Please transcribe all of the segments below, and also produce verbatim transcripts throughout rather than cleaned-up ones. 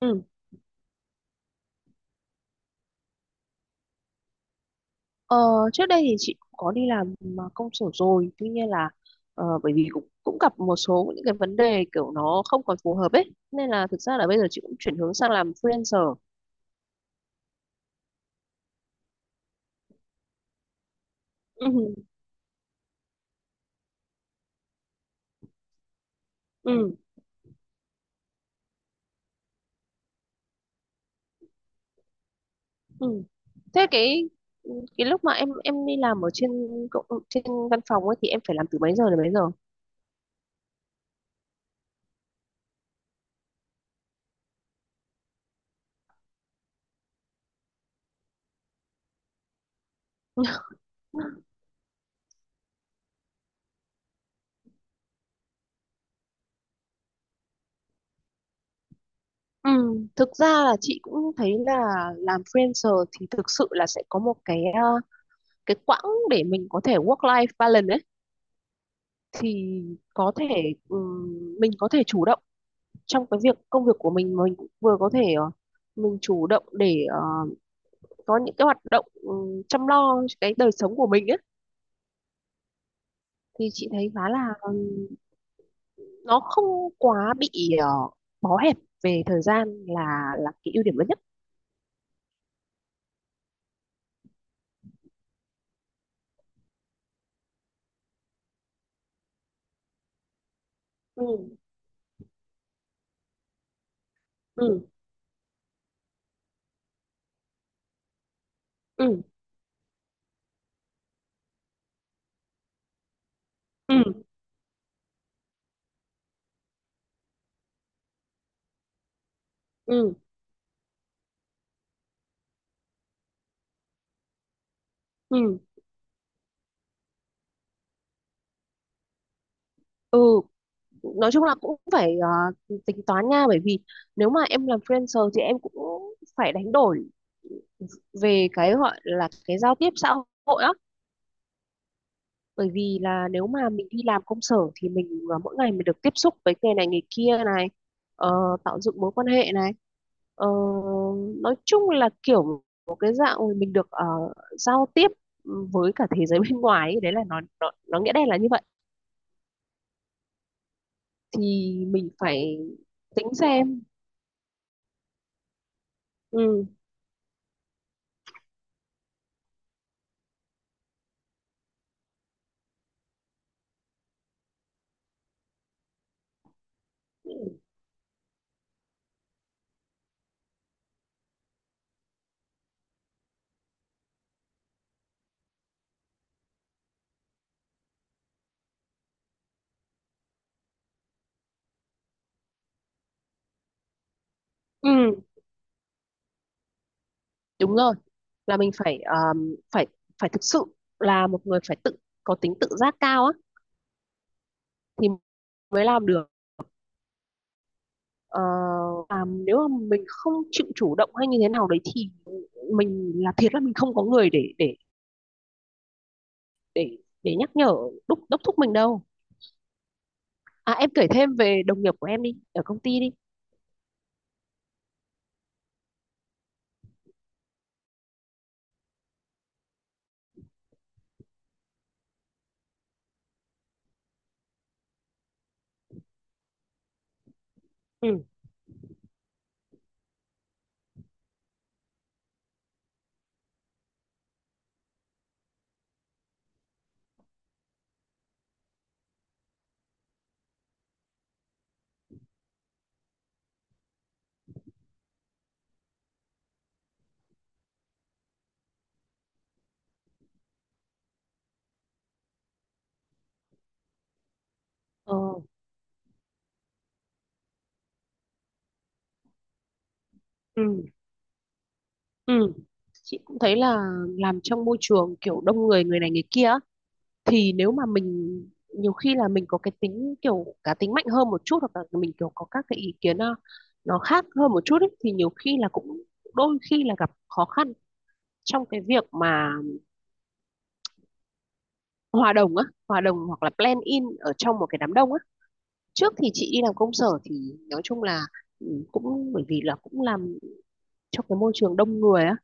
Ừ. Ờ, trước đây thì chị cũng có đi làm mà công sở rồi, tuy nhiên là ờ, bởi vì cũng cũng gặp một số những cái vấn đề kiểu nó không còn phù hợp ấy, nên là thực ra là bây giờ chị cũng chuyển hướng sang làm freelancer. Ừ. Ừ. Ừ. Thế cái cái lúc mà em em đi làm ở trên cộng- trên văn phòng ấy thì em phải làm từ mấy giờ đến mấy giờ? Ừ, thực ra là chị cũng thấy là làm freelancer thì thực sự là sẽ có một cái ờ, cái quãng để mình có thể work life balance ấy. Thì có thể ừm, mình có thể chủ động trong cái việc công việc của mình, mà mình cũng vừa có thể ờ, mình chủ động để ờ, có những cái hoạt động ừm, chăm lo cái đời sống của mình ấy, thì chị thấy khá là ừm, nó không quá bị ờ, bó hẹp về thời gian là là cái ưu điểm lớn nhất. Ừ. Ừ. Ừ. Ừ. Ừ. Ừ. Ừ. Nói chung là cũng phải ờ, tính toán nha, bởi vì nếu mà em làm freelancer thì em cũng phải đánh đổi về cái gọi là cái giao tiếp xã hội á, bởi vì là nếu mà mình đi làm công sở thì mình à, mỗi ngày mình được tiếp xúc với người này người kia này, ờ, tạo dựng mối quan hệ này. Ờ, nói chung là kiểu một cái dạng mình được ờ, giao tiếp với cả thế giới bên ngoài ấy. Đấy là nó nó nó nghĩa đen là như vậy, thì mình phải tính xem. Ừ. Ừ. Đúng rồi. Là mình phải ờ, phải phải thực sự là một người phải tự có tính tự giác cao á, thì mới làm được. ờ, và nếu mà mình không chịu chủ động hay như thế nào đấy, thì mình là thiệt là mình không có người để để để để nhắc nhở, đốc đốc thúc mình đâu. À, em kể thêm về đồng nghiệp của em đi, ở công ty đi. Ừ. ờ, ừ. Ừ. Chị cũng thấy là làm trong môi trường kiểu đông người, người này người kia á, thì nếu mà mình nhiều khi là mình có cái tính kiểu cá tính mạnh hơn một chút, hoặc là mình kiểu có các cái ý kiến nó, nó khác hơn một chút ấy, thì nhiều khi là cũng đôi khi là gặp khó khăn trong cái việc mà hòa đồng á, hòa đồng hoặc là blend in ở trong một cái đám đông á. Trước thì chị đi làm công sở thì nói chung là ừ, cũng bởi vì là cũng làm trong cái môi trường đông người á,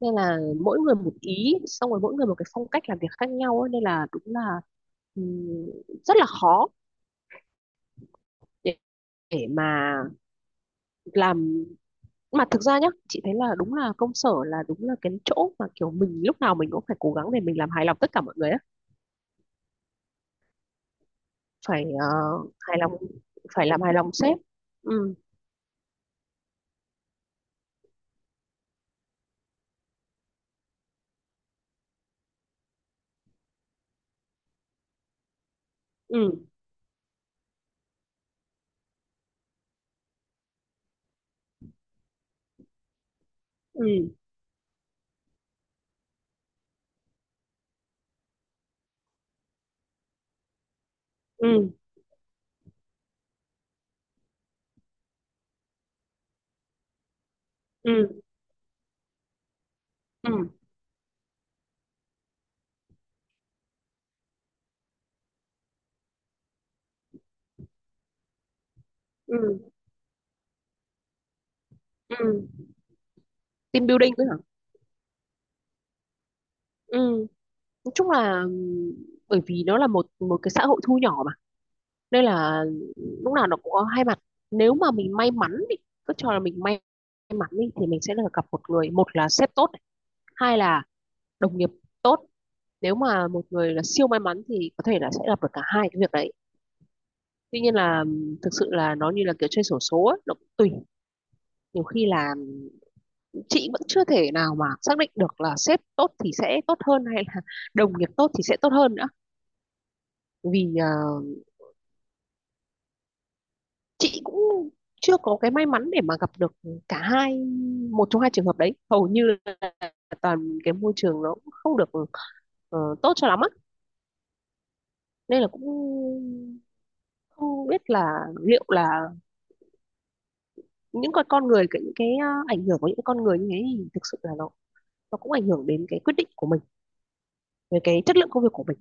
nên là mỗi người một ý, xong rồi mỗi người một cái phong cách làm việc khác nhau á, nên là đúng là ừ, rất là khó để, để mà làm. Mà thực ra nhá, chị thấy là đúng là công sở là đúng là cái chỗ mà kiểu mình lúc nào mình cũng phải cố gắng để mình làm hài lòng tất cả mọi người á. Phải ờ, hài lòng, phải làm hài lòng sếp. Ừ. Ừ. Ừ. Ừ. Ừ. Ừ. Ừ. Ừ. Team building nữa hả? Ừ, nói chung là ừm, bởi vì nó là một một cái xã hội thu nhỏ mà, nên là lúc nào nó cũng có hai mặt. Nếu mà mình may mắn đi, cứ cho là mình may mắn đi thì mình sẽ được gặp một người, một là sếp tốt này, hai là đồng nghiệp tốt. Nếu mà một người là siêu may mắn thì có thể là sẽ gặp được cả hai cái việc đấy. Tuy nhiên là thực sự là nó như là kiểu chơi xổ số ấy, nó cũng tùy. Nhiều khi là chị vẫn chưa thể nào mà xác định được là sếp tốt thì sẽ tốt hơn hay là đồng nghiệp tốt thì sẽ tốt hơn nữa. Vì ờ, chị cũng chưa có cái may mắn để mà gặp được cả hai, một trong hai trường hợp đấy, hầu như là toàn cái môi trường nó cũng không được ờ, tốt cho lắm á, nên là cũng không biết là liệu là những con con người, cái những cái ờ, ảnh hưởng của những con người như thế thì thực sự là nó nó cũng ảnh hưởng đến cái quyết định của mình, về cái chất lượng công việc của mình.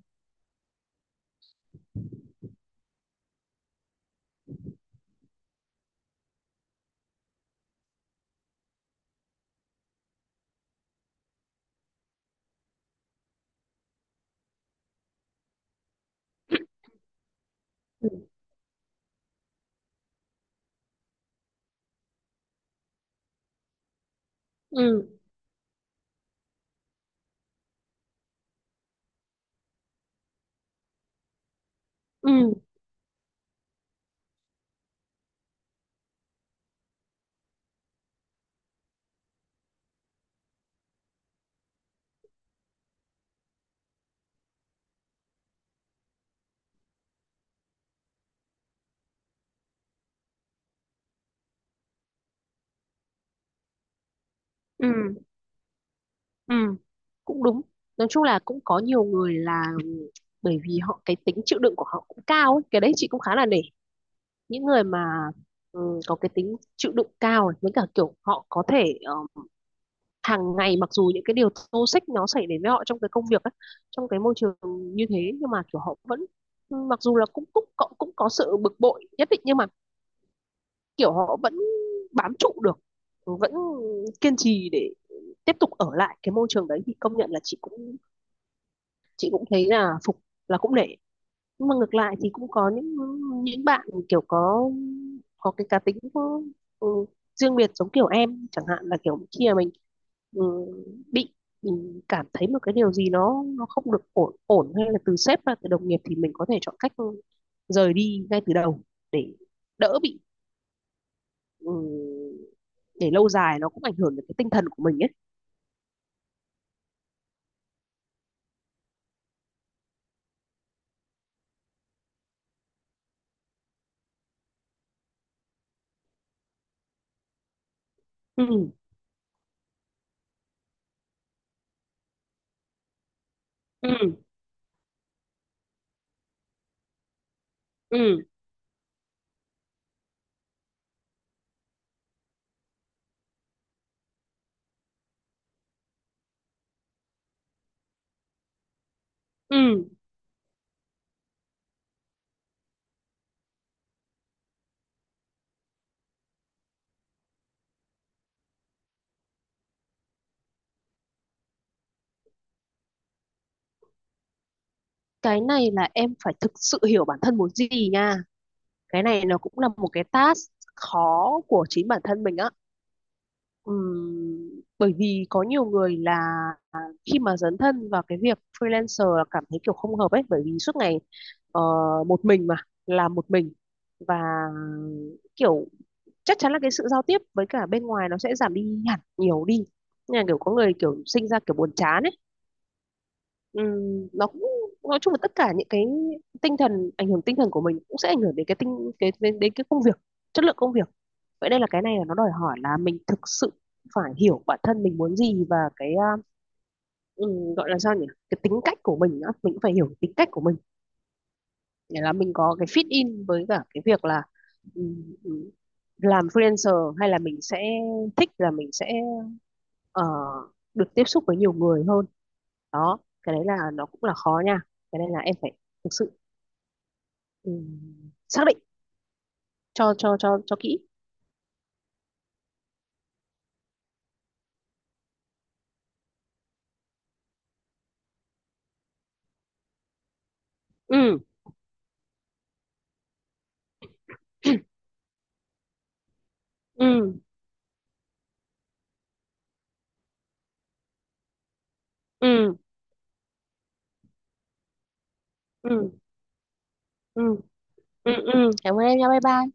Ừ. Ừ. Ừ. Cũng đúng. Nói chung là cũng có nhiều người là bởi vì họ cái tính chịu đựng của họ cũng cao ấy. Cái đấy chị cũng khá là nể những người mà ừ, có cái tính chịu đựng cao này, với cả kiểu họ có thể ờ, hàng ngày, mặc dù những cái điều toxic nó xảy đến với họ trong cái công việc ấy, trong cái môi trường như thế, nhưng mà kiểu họ vẫn, mặc dù là cũng cũng cũng, cũng có sự bực bội nhất định, nhưng mà kiểu họ vẫn bám trụ được, vẫn kiên trì để tiếp tục ở lại cái môi trường đấy, thì công nhận là chị cũng chị cũng thấy là phục, là cũng nể. Nhưng mà ngược lại thì cũng có những những bạn kiểu có có cái cá tính có, ừ, riêng biệt, giống kiểu em chẳng hạn, là kiểu khi mà mình ừ, bị, mình cảm thấy một cái điều gì nó nó không được ổn ổn, hay là từ sếp hay là từ đồng nghiệp, thì mình có thể chọn cách rời đi ngay từ đầu, để đỡ bị, ừ, để lâu dài nó cũng ảnh hưởng đến cái tinh thần của mình ấy. Ừ. Ừ. Ừ. Ừ. Cái này là em phải thực sự hiểu bản thân muốn gì nha. Cái này nó cũng là một cái task khó của chính bản thân mình á. Ừm, Bởi vì có nhiều người là khi mà dấn thân vào cái việc freelancer là cảm thấy kiểu không hợp ấy, bởi vì suốt ngày ờ, một mình, mà làm một mình, và kiểu chắc chắn là cái sự giao tiếp với cả bên ngoài nó sẽ giảm đi hẳn, nhiều đi. Nên là kiểu có người kiểu sinh ra kiểu buồn chán ấy. Ừm, nó cũng, nói chung là tất cả những cái tinh thần, ảnh hưởng tinh thần của mình cũng sẽ ảnh hưởng đến cái tinh cái đến, đến cái công việc, chất lượng công việc. Vậy đây là cái này là nó đòi hỏi là mình thực sự phải hiểu bản thân mình muốn gì, và cái à, gọi là sao nhỉ, cái tính cách của mình nữa, mình cũng phải hiểu tính cách của mình, để là mình có cái fit in với cả cái việc là ừm, làm freelancer, hay là mình sẽ thích là mình sẽ ờ, được tiếp xúc với nhiều người hơn đó. Cái đấy là nó cũng là khó nha, cái này là em phải thực sự ừm, xác định cho cho cho cho kỹ. Ừ. Ừ. Ừ. Ừ. Ừ. Ừ. Ừ. Ừ. Cảm ơn em nha, bye bye.